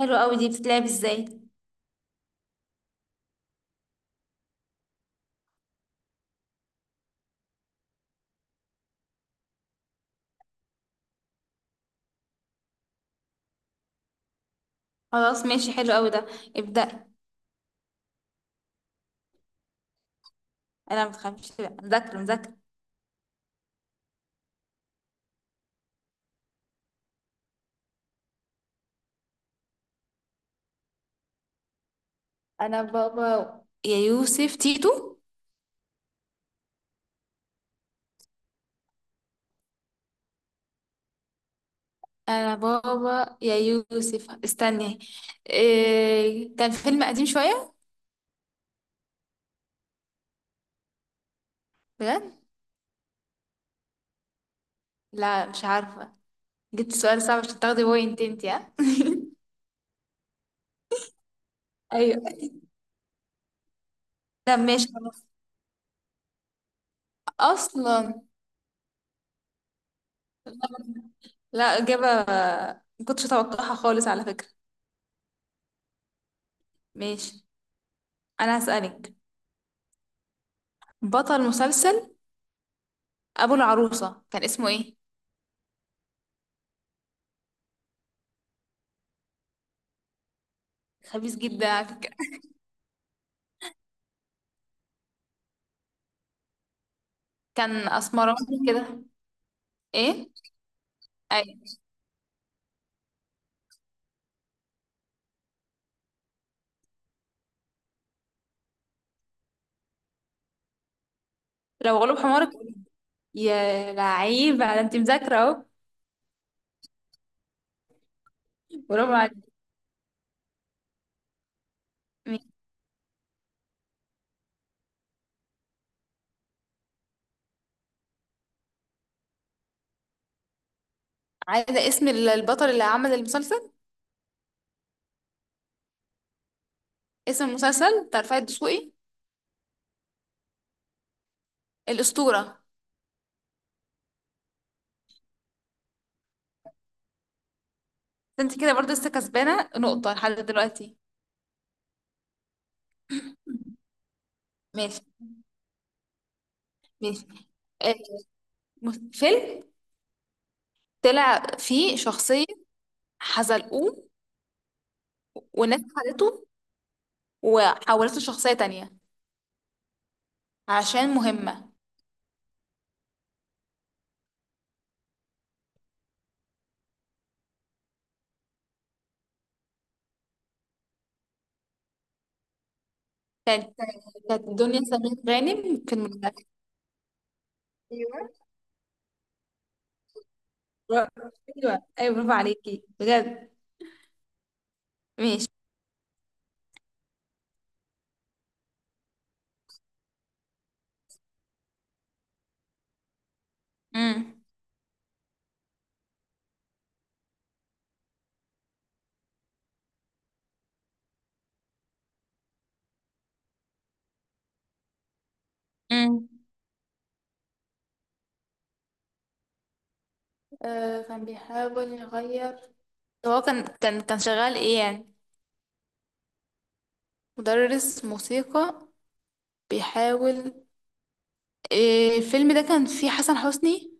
حلو قوي، دي بتتلعب ازاي؟ خلاص ماشي، حلو قوي ده. ابدأ. انا متخافش لا، مذاكرة مذاكرة. انا بابا يا يوسف تيتو. انا بابا يا يوسف، استني. إيه، كان فيلم قديم شوية. بجد؟ لا، مش عارفة. جبت سؤال صعب عشان تاخدي بوينت انتي، ها؟ ايوه. طب ماشي خلاص. اصلا. لا، اجابة ما كنتش اتوقعها خالص على فكرة. ماشي. انا هسألك. بطل مسلسل ابو العروسه كان اسمه ايه؟ خبيث جدا على فكرة. كان اسمراني كده. ايه. اي. لو غلب حمارك، يا لعيب على، انت مذاكره اهو. برافو عليك. مين؟ عايزه اسم البطل اللي عمل المسلسل. اسم المسلسل بتاع رفاعي الدسوقي؟ الاسطوره. انت كده برضه لسه كسبانه نقطه لحد دلوقتي. ماشي. ماشي. آه، فيلم طلع فيه شخصيه حزلقوه، وناس خدته وحولته لشخصيه تانية عشان مهمه. كانت كانت دنيا سمير غانم في المسلسل. ماشي. امم. امم. آه، كان بيحاول يغير. هو كان شغال ايه يعني؟ مدرس موسيقى. بيحاول. إيه الفيلم ده، كان فيه حسن حسني؟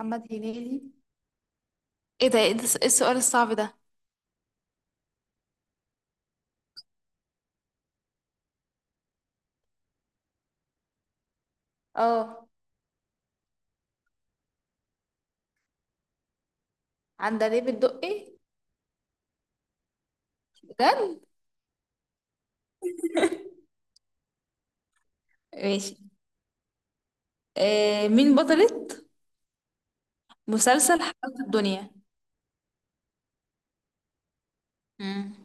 محمد هنيدي. ايه ده، إيه السؤال الصعب ده؟ اه. عندليب الدقي. بجد؟ ماشي. إيه، مين بطلة مسلسل حياة الدنيا؟ امم.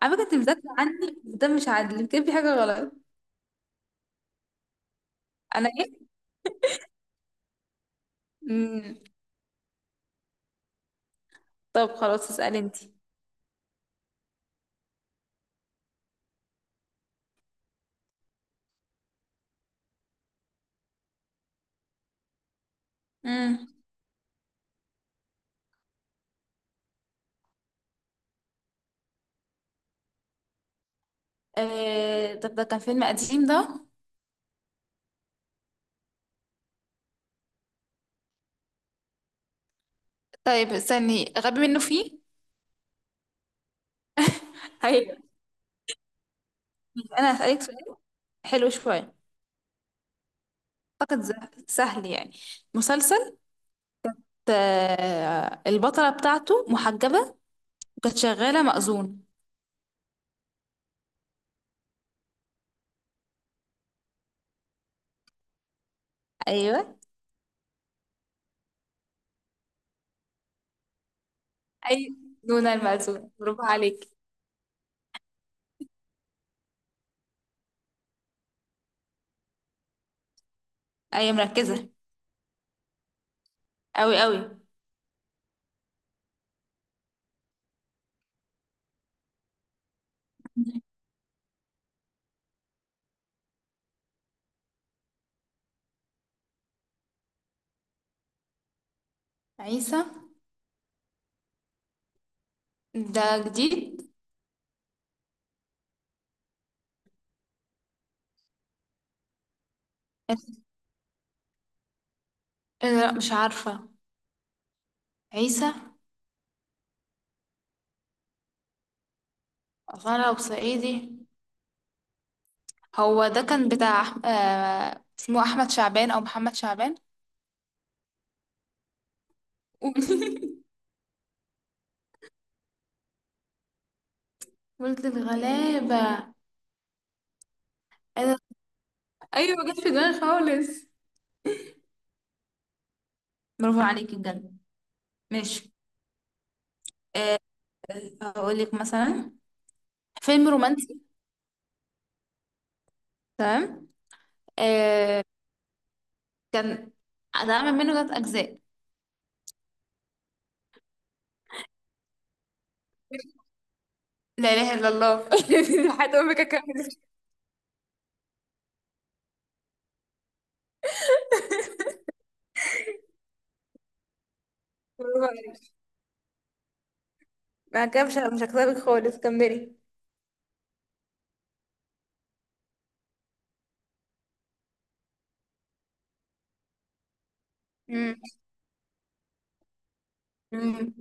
على فكرة انت مذاكرة عني، ده مش عادل، يمكن في حاجة غلط. انا. مم. طب خلاص، اسألي انتي. امم. آه، طب ده كان فيلم قديم ده؟ طيب استني، غبي منه فيه. هي. انا هسألك سؤال حلو شوية. اعتقد، سهل يعني. مسلسل. آه، البطلة بتاعته محجبة، وكانت شغالة مأذون. ايوه. اي. نونا المأذون، برافو عليك. ايوه، مركزة. اوي اوي. عيسى. ده جديد. إيه ده؟ لا، مش عارفة. عيسى. أصل أنا لو صعيدي. هو ده كان بتاع اسمه احمد شعبان او محمد شعبان. قولي. ولد الغلابة. أنا- ايوه، ما جاتش في دماغي خالص. برافو عليكي بجد. ماشي. أه. هقول لك مثلا. فيلم رومانسي. تمام. أه. كان. اتعمل منه ثلاث اجزاء. لا اله الا الله حتى امك، اكمل. برافو عليكي. ما كده، مش هكسبك خالص، كملي. امم. امم.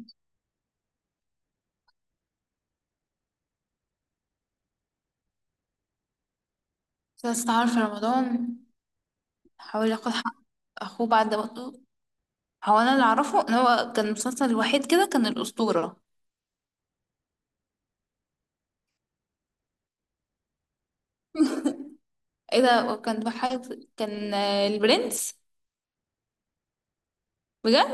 عارفة، رمضان. حاول ياخد حق اخوه بعد موته. هو، انا اللي اعرفه ان هو كان المسلسل الوحيد كده، كان الاسطوره. ايه ده؟ وكان بحاجة. كان البرنس. بجد.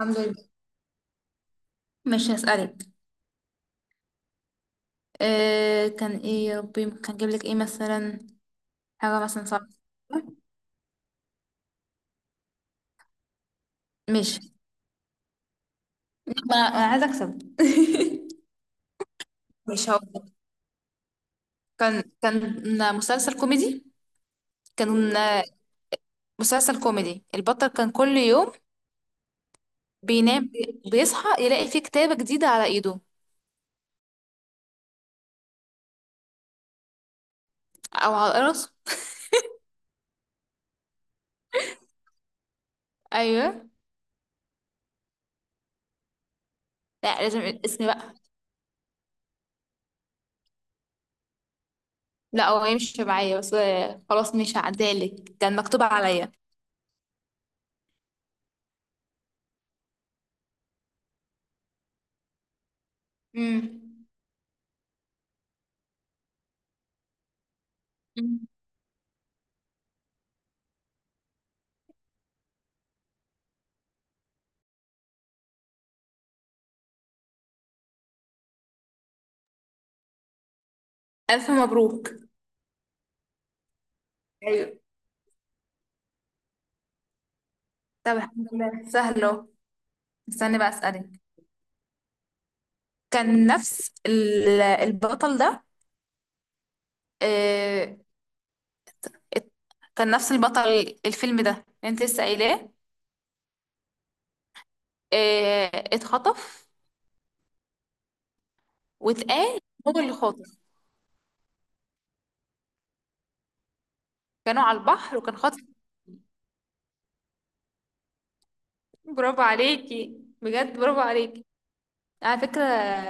الحمد لله. مش هسألك. أه، كان ايه يا ربي، كان جايب لك ايه مثلا؟ حاجه مثلا صعبه. مش. أنا عايزه اكسب. مش هو. كان مسلسل كوميدي. كان مسلسل كوميدي، البطل كان كل يوم بينام، بيصحى يلاقي فيه كتابة جديدة على ايده، او على راسه. ايوه. لا، لازم الاسم بقى. لا، هو يمشي معايا بس. خلاص، مش هعدالك، كان مكتوب عليا. امم. مم. ألف مبروك. ايوه. طب الحمد لله، سهلة. استني بقى، أسألك. كان نفس البطل ده. آه، ات- كان نفس البطل الفيلم ده اللي انت لسه قايلاه. آه، اتخطف، واتقال. هو اللي خاطف. كانوا على البحر، وكان خاطف. برافو عليكي بجد، برافو عليكي. على فكرة،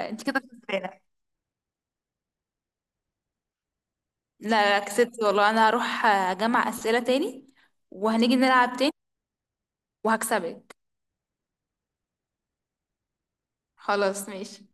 انت كده كسبانة. لا، لا، كسبت والله. انا هروح اجمع اسئله تاني، وهنيجي نلعب تاني، وهكسبك. خلاص، ماشي.